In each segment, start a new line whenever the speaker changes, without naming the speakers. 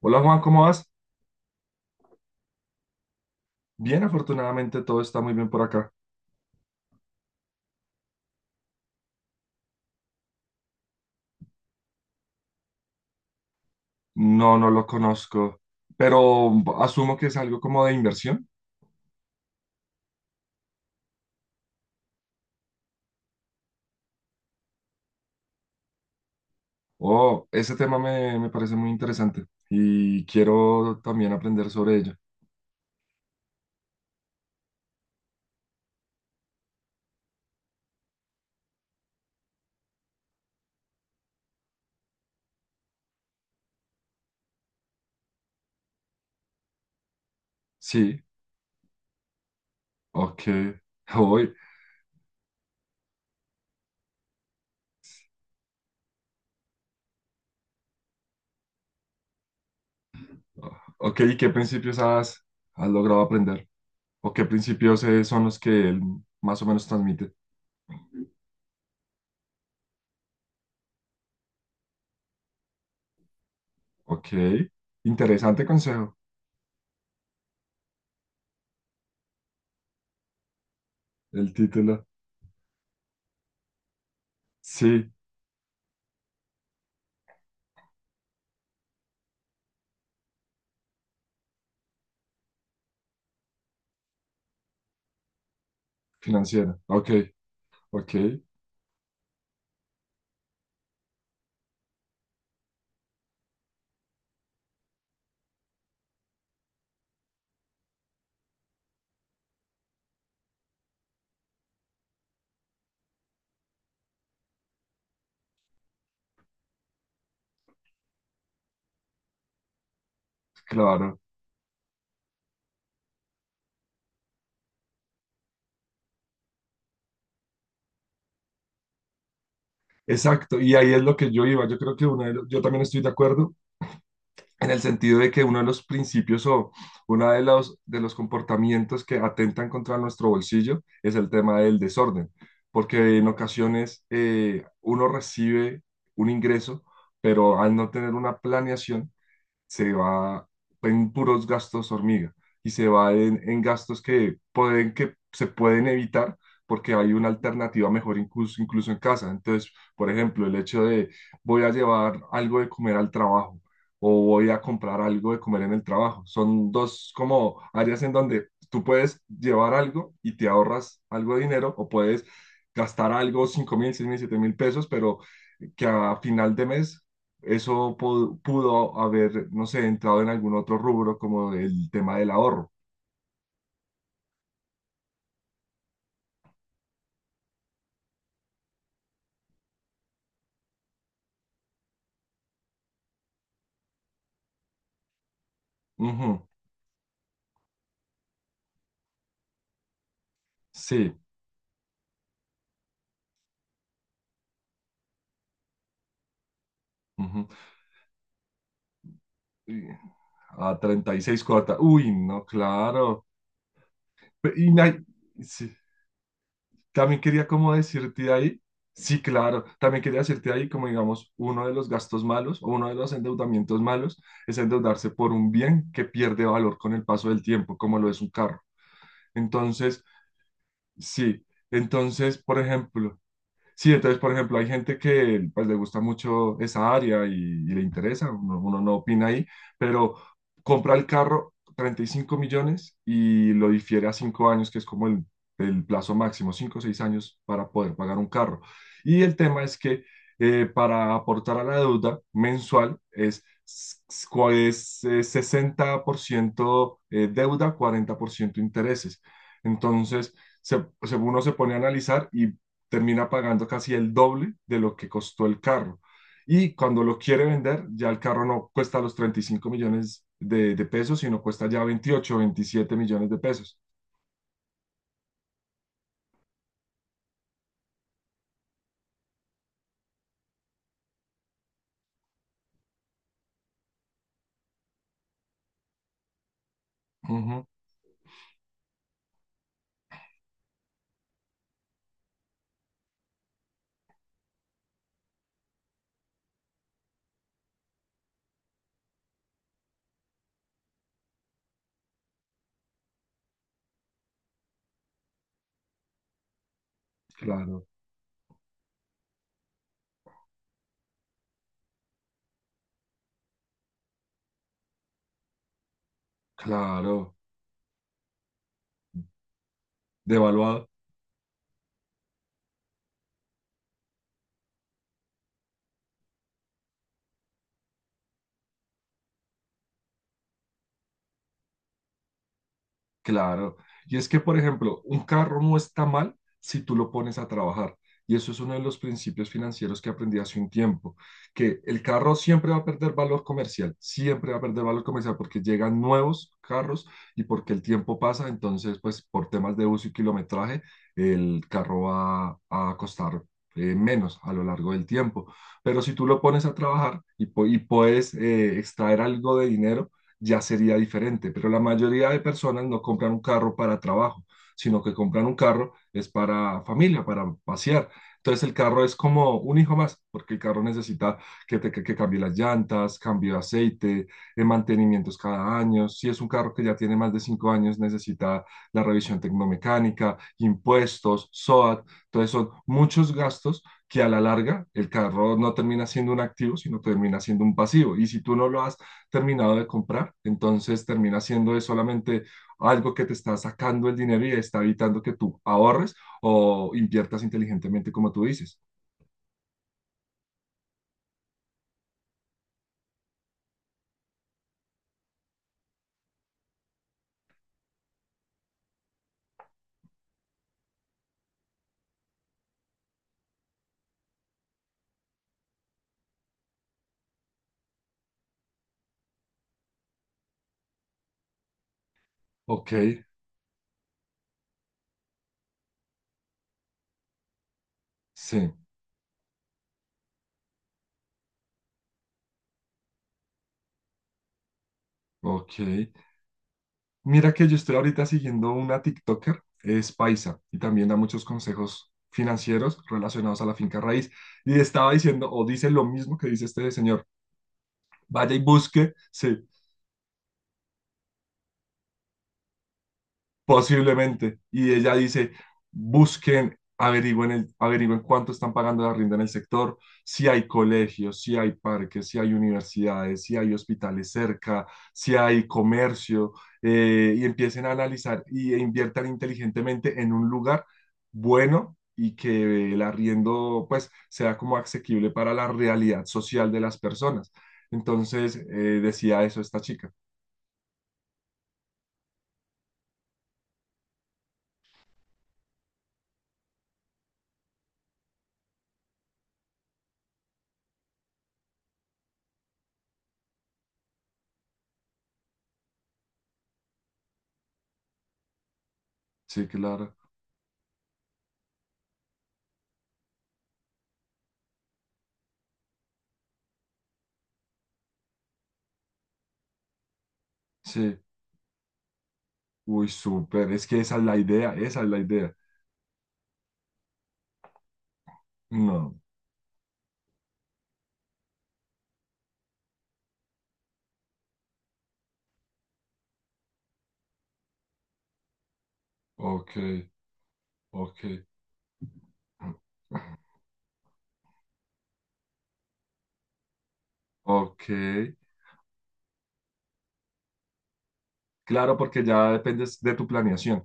Hola Juan, ¿cómo vas? Bien, afortunadamente todo está muy bien por acá. No, no lo conozco, pero asumo que es algo como de inversión. Oh, ese tema me parece muy interesante y quiero también aprender sobre ello. Sí, ok, hoy, ok, ¿y qué principios has logrado aprender? ¿O qué principios son los que él más o menos transmite? Ok, interesante consejo, el título. Sí, financiera, ok, ok, claro. Exacto, y ahí es lo que yo iba. Yo creo que yo también estoy de acuerdo en el sentido de que uno de los principios o uno de de los comportamientos que atentan contra nuestro bolsillo es el tema del desorden, porque en ocasiones uno recibe un ingreso, pero al no tener una planeación, se va en puros gastos hormiga y se va en gastos que pueden, que se pueden evitar porque hay una alternativa mejor incluso, incluso en casa. Entonces, por ejemplo, el hecho de voy a llevar algo de comer al trabajo o voy a comprar algo de comer en el trabajo. Son dos como áreas en donde tú puedes llevar algo y te ahorras algo de dinero o puedes gastar algo, 5.000, 6.000, 7.000 pesos, pero que a final de mes pudo haber, no sé, entrado en algún otro rubro como el tema del ahorro. Ujú. Sí. Ujú. Y- A 36 cuotas. Uy, no, claro. Pe- Y na- sí, también quería como decirte ahí, sí, claro, también quería decirte ahí como digamos, uno de los gastos malos o uno de los endeudamientos malos es endeudarse por un bien que pierde valor con el paso del tiempo, como lo es un carro. Entonces, sí, entonces, por ejemplo, hay gente que pues le gusta mucho esa área y le interesa, uno no opina ahí, pero compra el carro 35 millones y lo difiere a 5 años, que es como el plazo máximo, 5 o 6 años para poder pagar un carro. Y el tema es que para aportar a la deuda mensual es 60% deuda, 40% intereses. Entonces, uno se pone a analizar y termina pagando casi el doble de lo que costó el carro. Y cuando lo quiere vender, ya el carro no cuesta los 35 millones de pesos, sino cuesta ya veintiocho veintisiete millones de pesos. Ujú, claro, claro, devaluado. Claro. Y es que, por ejemplo, un carro no está mal si tú lo pones a trabajar. Y eso es uno de los principios financieros que aprendí hace un tiempo, que el carro siempre va a perder valor comercial, siempre va a perder valor comercial porque llegan nuevos carros y porque el tiempo pasa, entonces, pues por temas de uso y kilometraje, el carro va a costar menos a lo largo del tiempo. Pero si tú lo pones a trabajar y puedes extraer algo de dinero, ya sería diferente. Pero la mayoría de personas no compran un carro para trabajo, sino que compran un carro es para familia, para pasear. Entonces el carro es como un hijo más, porque el carro necesita que cambie las llantas, cambio de aceite, mantenimientos cada año. Si es un carro que ya tiene más de 5 años, necesita la revisión tecnomecánica, impuestos, SOAT. Entonces son muchos gastos que a la larga el carro no termina siendo un activo, sino termina siendo un pasivo. Y si tú no lo has terminado de comprar. Entonces termina siendo es solamente algo que te está sacando el dinero y está evitando que tú ahorres o inviertas inteligentemente, como tú dices. Ok, sí, ok. Mira que yo estoy ahorita siguiendo una TikToker, es paisa y también da muchos consejos financieros relacionados a la finca raíz. Y estaba diciendo, o dice lo mismo que dice este señor, vaya y busque, sí, posiblemente. Y ella dice, busquen, averigüen, el, averigüen cuánto están pagando la renta en el sector, si hay colegios, si hay parques, si hay universidades, si hay hospitales cerca, si hay comercio, y empiecen a analizar e inviertan inteligentemente en un lugar bueno y que el arriendo pues sea como asequible para la realidad social de las personas. Entonces, decía eso esta chica. Sí, claro. Sí. Uy, súper, es que esa es la idea, esa es la idea. No, ok, ok, ok. Claro, porque ya dependes de tu planeación,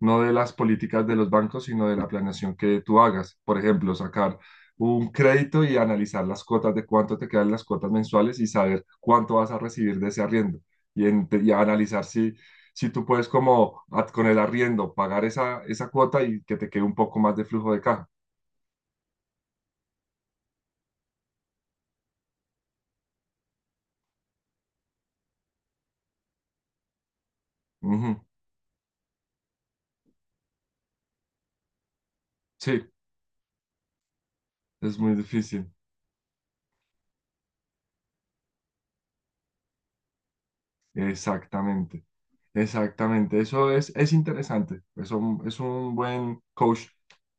no de las políticas de los bancos, sino de la planeación que tú hagas. Por ejemplo, sacar un crédito y analizar las cuotas de cuánto te quedan las cuotas mensuales y saber cuánto vas a recibir de ese arriendo. Y analizar si tú puedes como ad- con el arriendo pagar esa cuota y que te quede un poco más de flujo de caja. Ujú. Sí. Es muy difícil. Exactamente, exactamente. Es interesante. Es un buen coach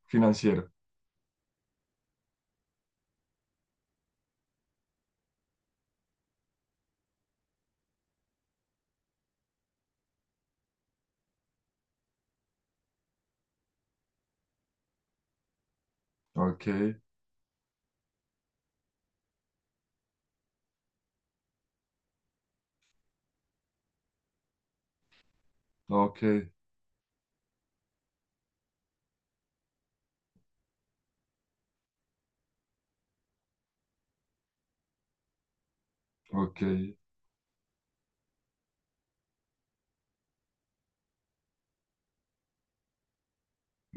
financiero. Ok, ok, ok,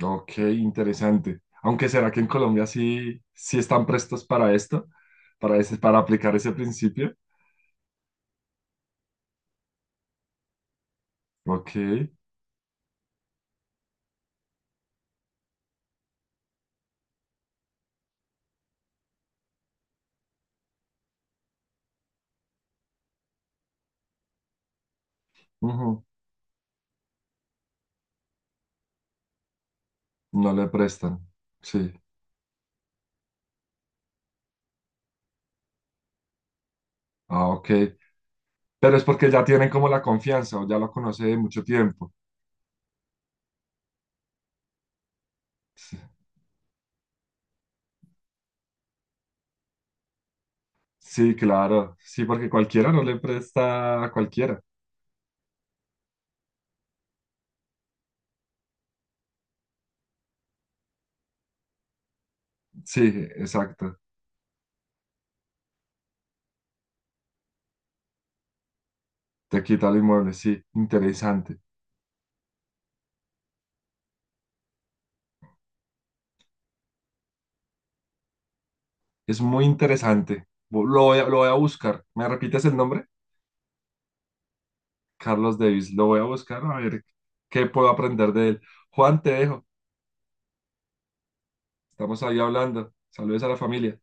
ok, interesante. Aunque será que en Colombia sí, sí están prestos para esto, para ese, para aplicar ese principio. Ok, ujú, no le prestan. Sí, ah, ok. Pero es porque ya tienen como la confianza o ya lo conoce de mucho tiempo. Sí. Sí, claro. Sí, porque cualquiera no le presta a cualquiera. Sí, exacto. Te quita el inmueble. Sí, interesante. Es muy interesante. Lo voy a buscar. ¿Me repites el nombre? Carlos Davis. Lo voy a buscar a ver qué puedo aprender de él. Juan, te dejo. Estamos ahí hablando. Saludos a la familia.